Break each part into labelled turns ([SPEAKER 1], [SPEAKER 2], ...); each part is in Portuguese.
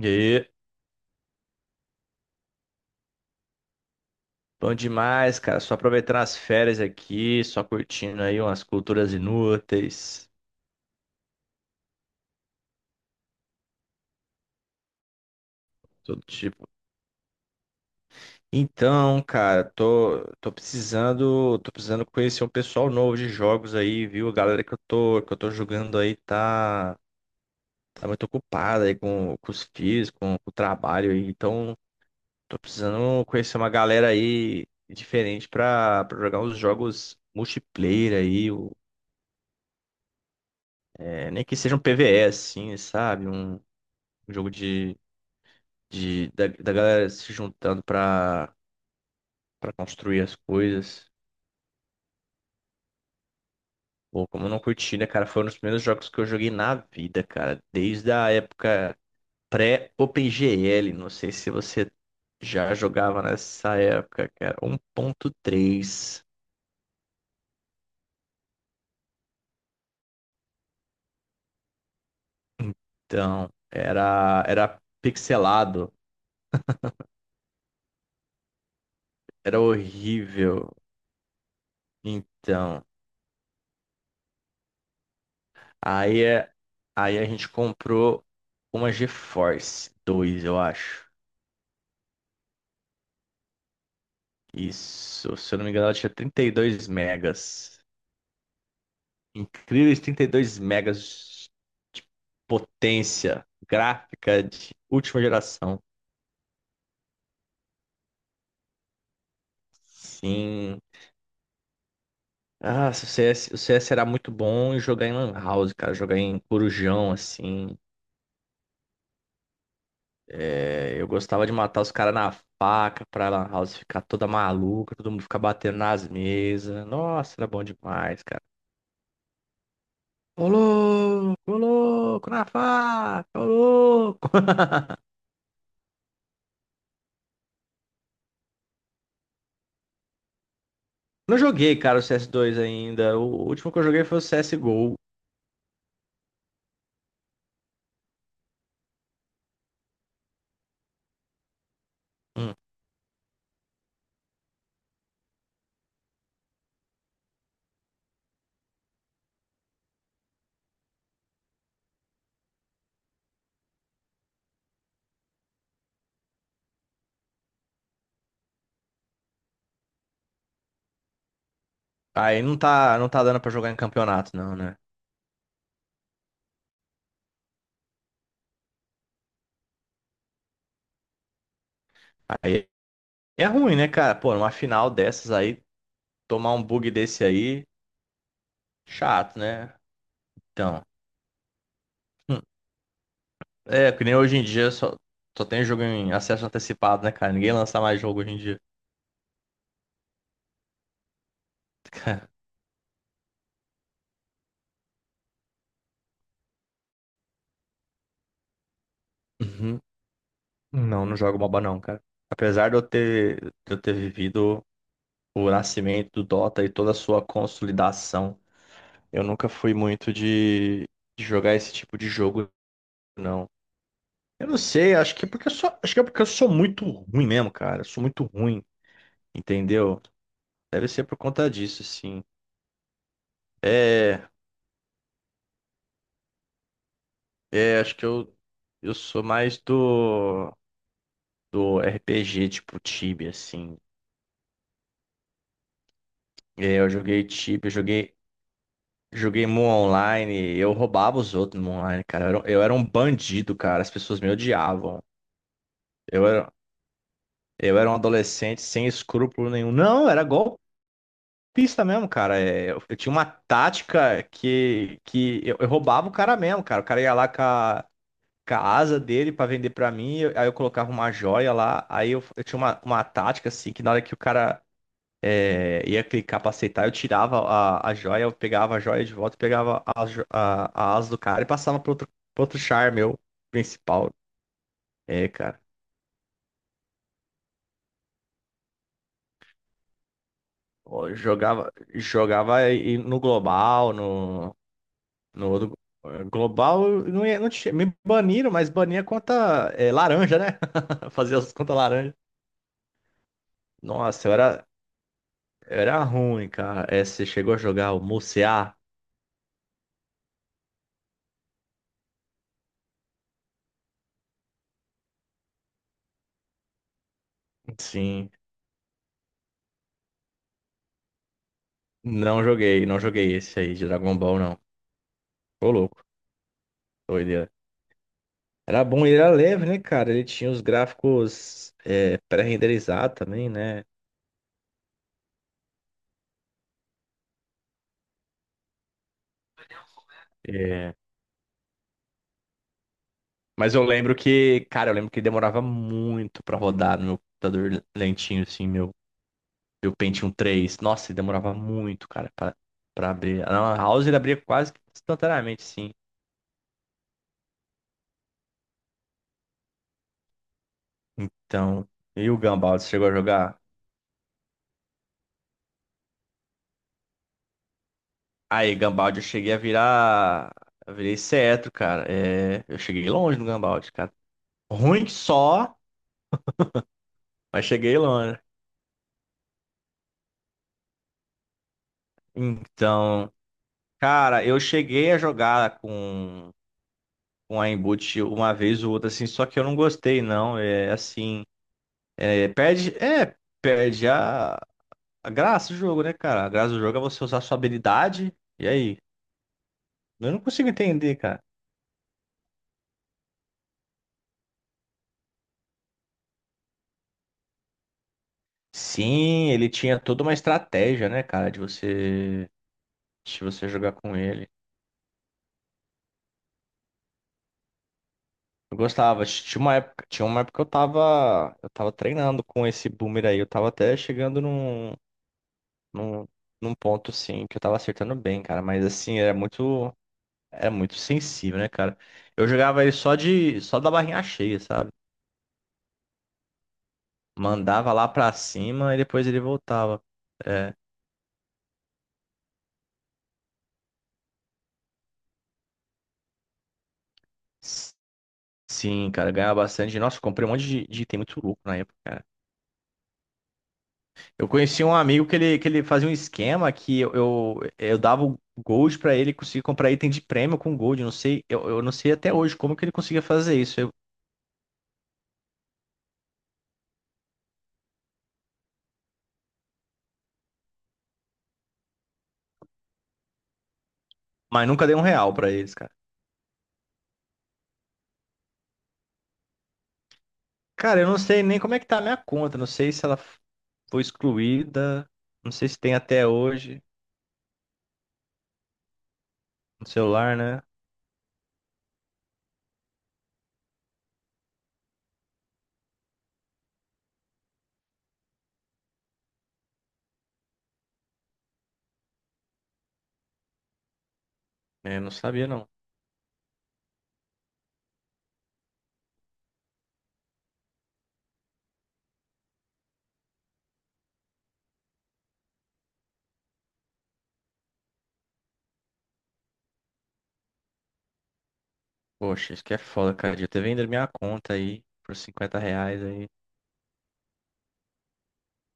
[SPEAKER 1] E aí, bom demais, cara. Só aproveitando as férias aqui, só curtindo aí umas culturas inúteis, todo tipo. Então, cara, tô precisando conhecer um pessoal novo de jogos aí, viu? A galera que eu tô jogando aí tá muito ocupada aí com os filhos, com o trabalho aí. Então, tô precisando conhecer uma galera aí diferente pra jogar uns jogos multiplayer aí, é, nem que seja um PvE assim, sabe? Um jogo da galera se juntando pra construir as coisas. Pô, como eu não curti, né, cara? Foi um dos primeiros jogos que eu joguei na vida, cara. Desde a época pré-OpenGL. Não sei se você já jogava nessa época, cara. 1.3. Então, era pixelado. Era horrível. Então, aí, é- aí a gente comprou uma GeForce 2, eu acho. Isso, se eu não me engano, ela tinha 32 megas. Incríveis 32 megas de potência gráfica de última geração. Sim. Ah, se o CS, o CS era muito bom em jogar em Lan House, cara. Jogar em Corujão, assim. É, eu gostava de matar os caras na faca pra Lan House ficar toda maluca, todo mundo ficar batendo nas mesas. Nossa, era bom demais, cara. Ô louco, na faca, ô louco. Não joguei, cara, o CS2 ainda. O último que eu joguei foi o CSGO. Hum. Aí não tá dando pra jogar em campeonato, não, né? Aí é ruim, né, cara? Pô, numa final dessas aí, tomar um bug desse aí, chato, né? Então, hum. é, que nem hoje em dia só tem jogo em acesso antecipado, né, cara? Ninguém lança mais jogo hoje em dia. Cara, uhum. Não, não jogo MOBA não, cara. Apesar de eu ter, vivido o nascimento do Dota e toda a sua consolidação. Eu nunca fui muito de jogar esse tipo de jogo, não. Eu não sei, acho que é porque eu sou, acho que é porque eu sou muito ruim mesmo, cara. Eu sou muito ruim, entendeu? Deve ser por conta disso, sim. É, é, acho que eu, sou mais do RPG, tipo Tibia, assim. É, eu joguei Tibia, eu joguei Mu Online, eu roubava os outros no Mu Online, cara. Eu era um bandido, cara. As pessoas me odiavam. Eu era, eu era um adolescente sem escrúpulo nenhum. Não, era golpe. Pista mesmo, cara. É, eu, tinha uma tática que eu roubava o cara mesmo, cara. O cara ia lá com a asa dele pra vender pra mim, aí eu colocava uma joia lá. Aí eu tinha uma tática assim, que na hora que o cara ia clicar pra aceitar, eu tirava a joia, eu pegava a joia de volta, pegava a asa do cara e passava pro outro char meu principal. É, cara. Ó, Jogava e no global, no. No outro global, eu não ia, não tinha, me baniram, mas bania conta laranja, né? Fazia as contas laranja. Nossa, eu era ruim, cara. Você chegou a jogar o Musear? Sim. Não joguei esse aí de Dragon Ball, não. Ô louco, doideira. Era bom, ele era leve, né, cara? Ele tinha os gráficos pré-renderizados também, né? É, mas eu lembro que, cara, eu lembro que demorava muito pra rodar no meu computador lentinho, assim, meu. E o Pentium 3, nossa, ele demorava muito, cara, pra abrir. Na Lan House ele abria quase que instantaneamente, sim. Então, e o Gumball, você chegou a jogar? Aí, Gumball, eu cheguei a virar. Eu virei cetro, cara. É, eu cheguei longe no Gumball, cara. Ruim que só, mas cheguei longe. Então, cara, eu cheguei a jogar com. Com a Inboot uma vez ou outra, assim, só que eu não gostei, não. É assim, é, perde, é, perde a graça do jogo, né, cara? A graça do jogo é você usar sua habilidade. E aí? Eu não consigo entender, cara. Sim, ele tinha toda uma estratégia, né, cara, de você, jogar com ele. Eu gostava. Tinha uma época que eu tava treinando com esse boomer aí. Eu tava até chegando num, num, num ponto, assim, que eu tava acertando bem, cara. Mas, assim, era muito sensível, né, cara? Eu jogava ele só da barrinha cheia, sabe? Mandava lá pra cima e depois ele voltava. É. Sim, cara, ganhava bastante. Nossa, comprei um monte de item muito louco na época, cara. Eu conheci um amigo que ele, fazia um esquema que eu dava o gold pra ele conseguir comprar item de prêmio com gold. Eu não sei, eu não sei até hoje como que ele conseguia fazer isso. Mas nunca dei um real pra eles, cara. Cara, eu não sei nem como é que tá a minha conta. Não sei se ela foi excluída. Não sei se tem até hoje no celular, né? É, não sabia, não. Poxa, isso que é foda, cara. Devia ter vendido minha conta aí por R$ 50 aí.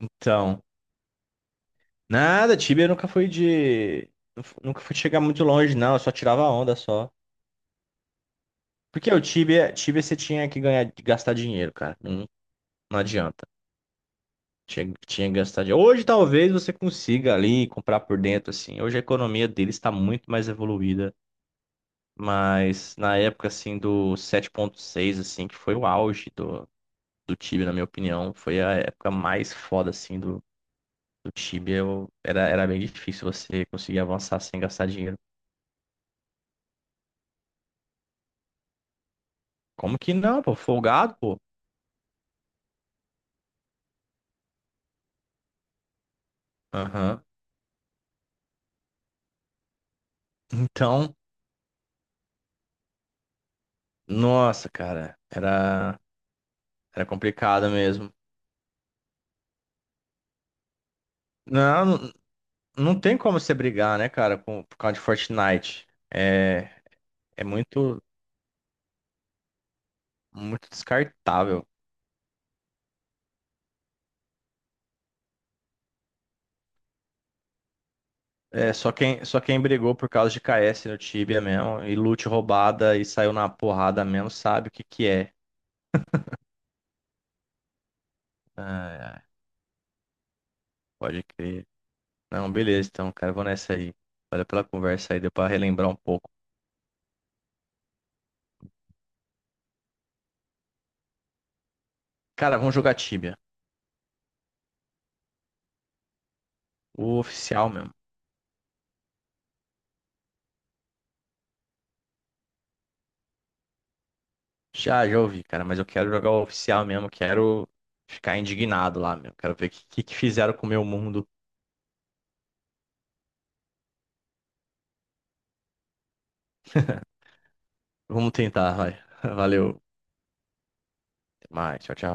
[SPEAKER 1] Então. Nada, Tibia nunca foi de. Nunca fui chegar muito longe, não. Eu só tirava onda só. Porque o Tibia você tinha que ganhar, gastar dinheiro, cara. Não, não adianta. Tinha que gastar dinheiro. Hoje talvez você consiga ali comprar por dentro, assim. Hoje a economia deles está muito mais evoluída. Mas na época, assim, do 7.6 assim, que foi o auge do, do, Tibia, na minha opinião, foi a época mais foda, assim, do Tibia. Era bem difícil você conseguir avançar sem gastar dinheiro. Como que não, pô? Folgado, pô. Aham. Então, nossa, cara, era complicado mesmo. Não, não tem como você brigar, né, cara, com, por causa de Fortnite. É, é, muito, muito descartável. É, só quem brigou por causa de KS no Tibia mesmo, e loot roubada e saiu na porrada mesmo, sabe o que que é. Ai, ai, pode crer. Não, beleza, então, cara, eu vou nessa aí. Valeu pela conversa aí, deu pra relembrar um pouco. Cara, vamos jogar Tibia. O oficial mesmo. Já, já ouvi, cara, mas eu quero jogar o oficial mesmo, quero ficar indignado lá mesmo. Quero ver o que, que fizeram com o meu mundo. Vamos tentar, vai. Valeu. Até mais, tchau, tchau.